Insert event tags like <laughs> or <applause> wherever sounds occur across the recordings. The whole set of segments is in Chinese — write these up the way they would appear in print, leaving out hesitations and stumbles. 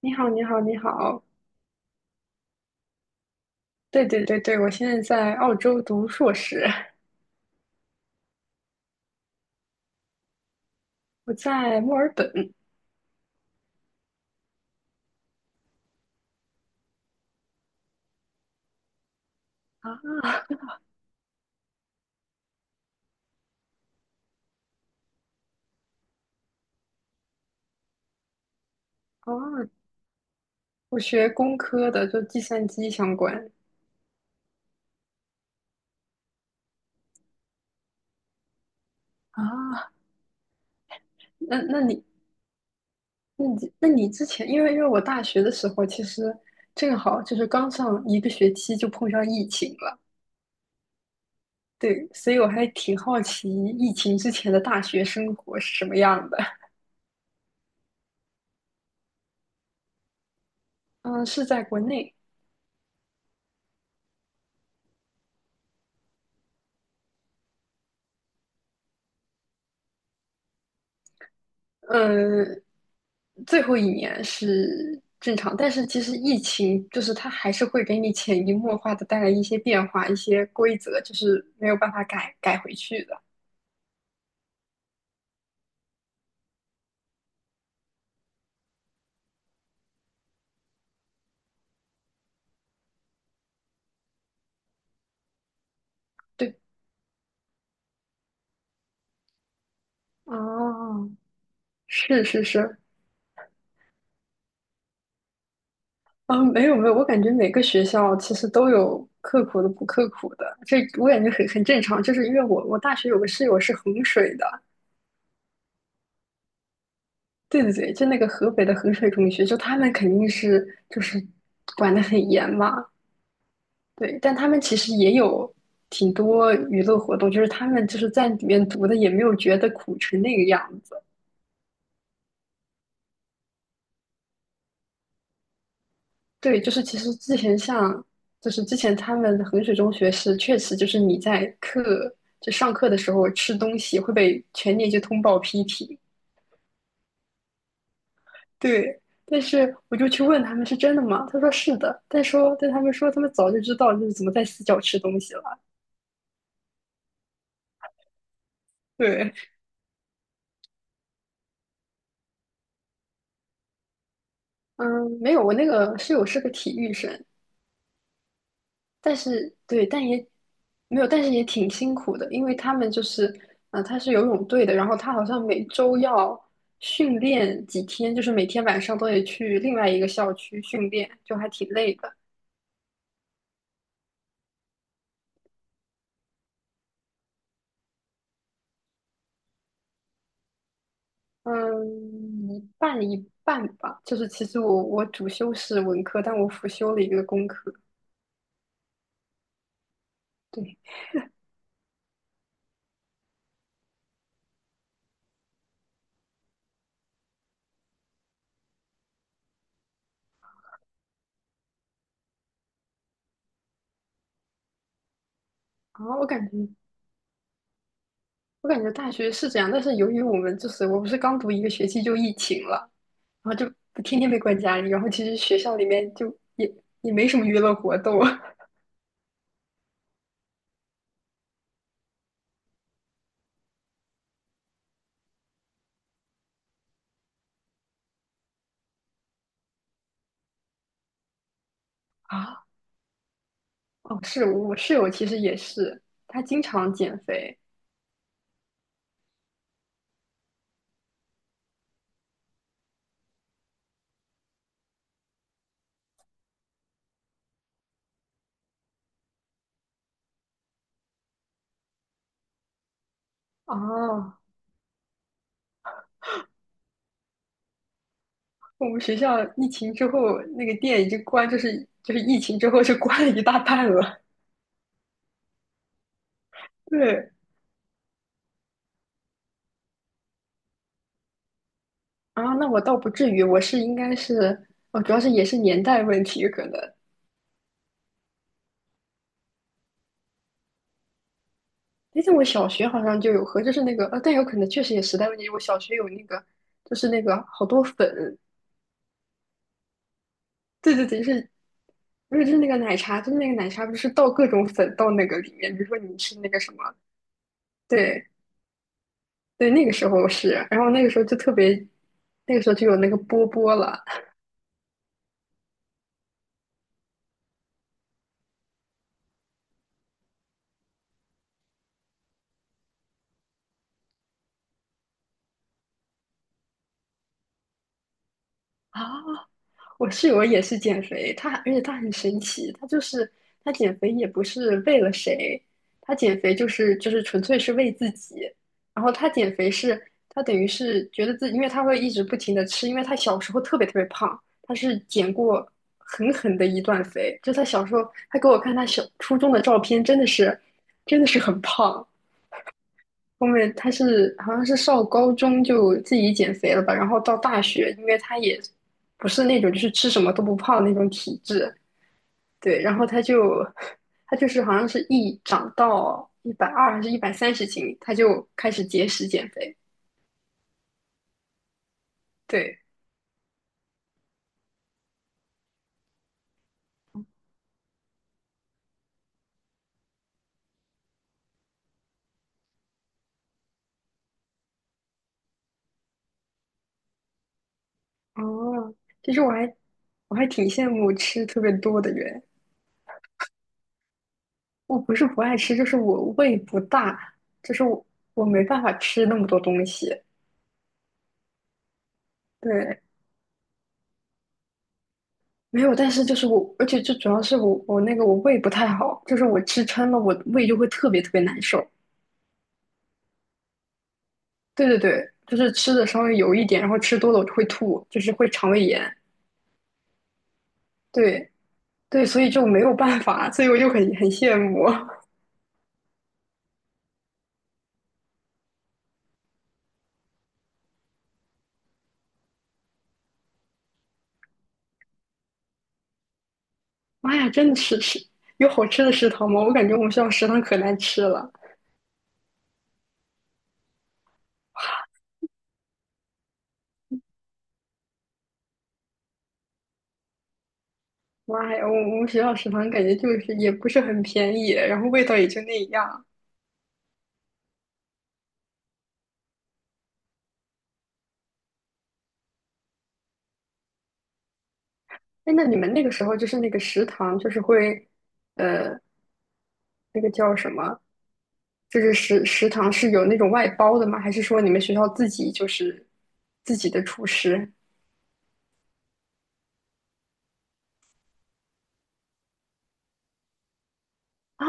你好，你好，你好。对对对对，我现在在澳洲读硕士，我在墨尔本啊。哦，我学工科的，就计算机相关啊。那那你那你之前，因为我大学的时候，其实正好就是刚上一个学期就碰上疫情了。对，所以我还挺好奇疫情之前的大学生活是什么样的。嗯，是在国内。嗯，最后一年是正常，但是其实疫情就是它还是会给你潜移默化的带来一些变化，一些规则，就是没有办法改回去的。对，哦，是是是。啊，没有没有，我感觉每个学校其实都有刻苦的不刻苦的，这我感觉很正常，就是因为我大学有个室友是衡水的。对对对，就那个河北的衡水中学，就他们肯定是就是管的很严嘛。对，但他们其实也有挺多娱乐活动，就是他们就是在里面读的，也没有觉得苦成那个样子。对，就是其实之前像，就是之前他们衡水中学是确实就是你在课就上课的时候吃东西会被全年级通报批评。对，但是我就去问他们是真的吗？他说是的，但他们说他们早就知道就是怎么在死角吃东西了。对。嗯，没有，我那个室友是个体育生。但是对，但也没有，但是也挺辛苦的，因为他们就是，他是游泳队的，然后他好像每周要训练几天，就是每天晚上都得去另外一个校区训练，就还挺累的。嗯，一半一半吧，就是其实我主修是文科，但我辅修了一个工科。对。啊，我感觉大学是这样，但是由于我不是刚读一个学期就疫情了。然后就天天被关家里，然后其实学校里面就也也没什么娱乐活动 <laughs> 啊。哦，是我室友其实也是，她经常减肥。哦，我们学校疫情之后那个店已经关，就是疫情之后就关了一大半了。<laughs> 对。啊，那我倒不至于，我是应该是，哦，主要是也是年代问题可能。哎，但我小学好像就有喝，就是那个，但有可能确实也时代问题。我小学有那个，就是那个好多粉。对对对，是，不是就是那个奶茶，就是那个奶茶，不是倒各种粉到那个里面，比如说你吃那个什么。对对，那个时候是，然后那个时候就特别，那个时候就有那个波波了。啊？我室友也是减肥，她而且她很神奇，她就是她减肥也不是为了谁，她减肥就是纯粹是为自己。然后她减肥是她等于是觉得自己，因为她会一直不停的吃，因为她小时候特别特别胖，她是减过狠狠的一段肥。就她小时候，她给我看她小初中的照片，真的是很胖。后面他是好像是上高中就自己减肥了吧，然后到大学，因为他也不是那种就是吃什么都不胖那种体质。对，然后他就是好像是一长到120还是130斤，他就开始节食减肥。对，哦，其实我还挺羡慕吃特别多的人。我不是不爱吃，就是我胃不大，就是我没办法吃那么多东西。对，没有，但是就是我，而且最主要是我我那个我胃不太好，就是我吃撑了，我胃就会特别特别难受。对对对，就是吃的稍微油一点，然后吃多了我就会吐，就是会肠胃炎。对对，所以就没有办法，所以我就很很羡慕。<laughs> 妈呀，真的是吃有好吃的食堂吗？我感觉我们学校食堂可难吃了。妈呀，我们学校食堂感觉就是也不是很便宜，然后味道也就那样。哎，那你们那个时候就是那个食堂就是会，呃，那个叫什么？就是食堂是有那种外包的吗？还是说你们学校自己就是自己的厨师啊？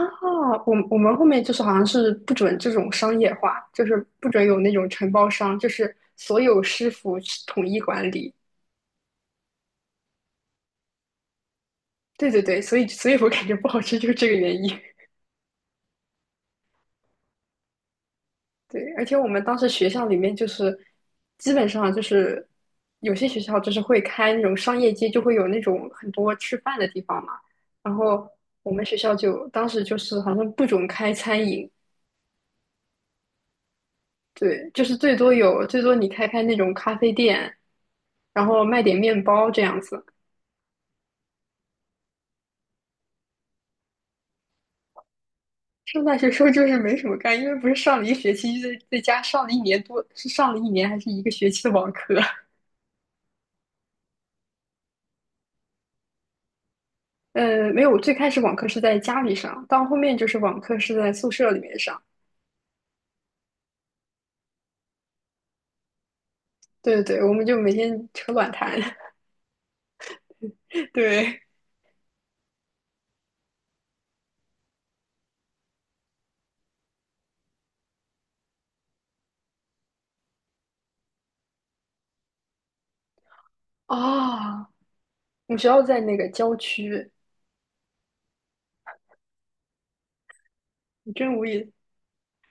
我们后面就是好像是不准这种商业化，就是不准有那种承包商，就是所有师傅统一管理。对对对，所以我感觉不好吃就是这个原因。对，而且我们当时学校里面就是基本上就是有些学校就是会开那种商业街，就会有那种很多吃饭的地方嘛。然后我们学校就当时就是好像不准开餐饮。对，就是最多有最多你开开那种咖啡店，然后卖点面包这样子。上大学时候就是没什么干，因为不是上了一学期，就在家上了一年多，是上了一年还是一个学期的网课。没有，我最开始网课是在家里上，到后面就是网课是在宿舍里面上。对对对，我们就每天扯卵谈。<laughs> 对。啊，我们学校在那个郊区。你真无语。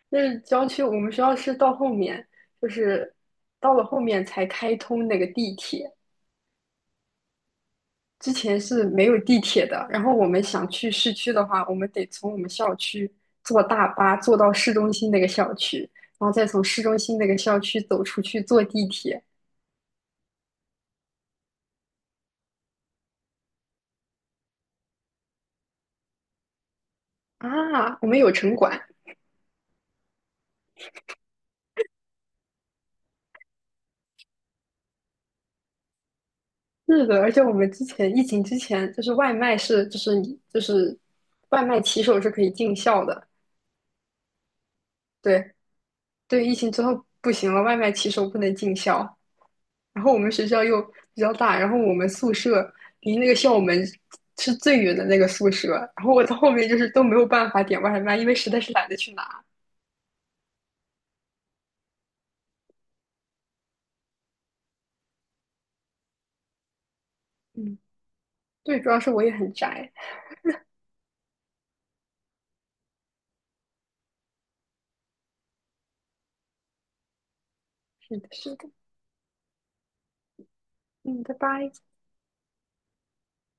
那是郊区，我们学校是到后面，就是到了后面才开通那个地铁，之前是没有地铁的。然后我们想去市区的话，我们得从我们校区坐大巴坐到市中心那个校区，然后再从市中心那个校区走出去坐地铁。啊，我们有城管。是的，而且我们之前疫情之前，就是外卖是，就是你就是外卖骑手是可以进校的。对对，疫情之后不行了，外卖骑手不能进校。然后我们学校又比较大，然后我们宿舍离那个校门是最远的那个宿舍，然后我到后面就是都没有办法点外卖，因为实在是懒得去拿。嗯，对，主要是我也很宅。是的，是的。嗯，拜拜。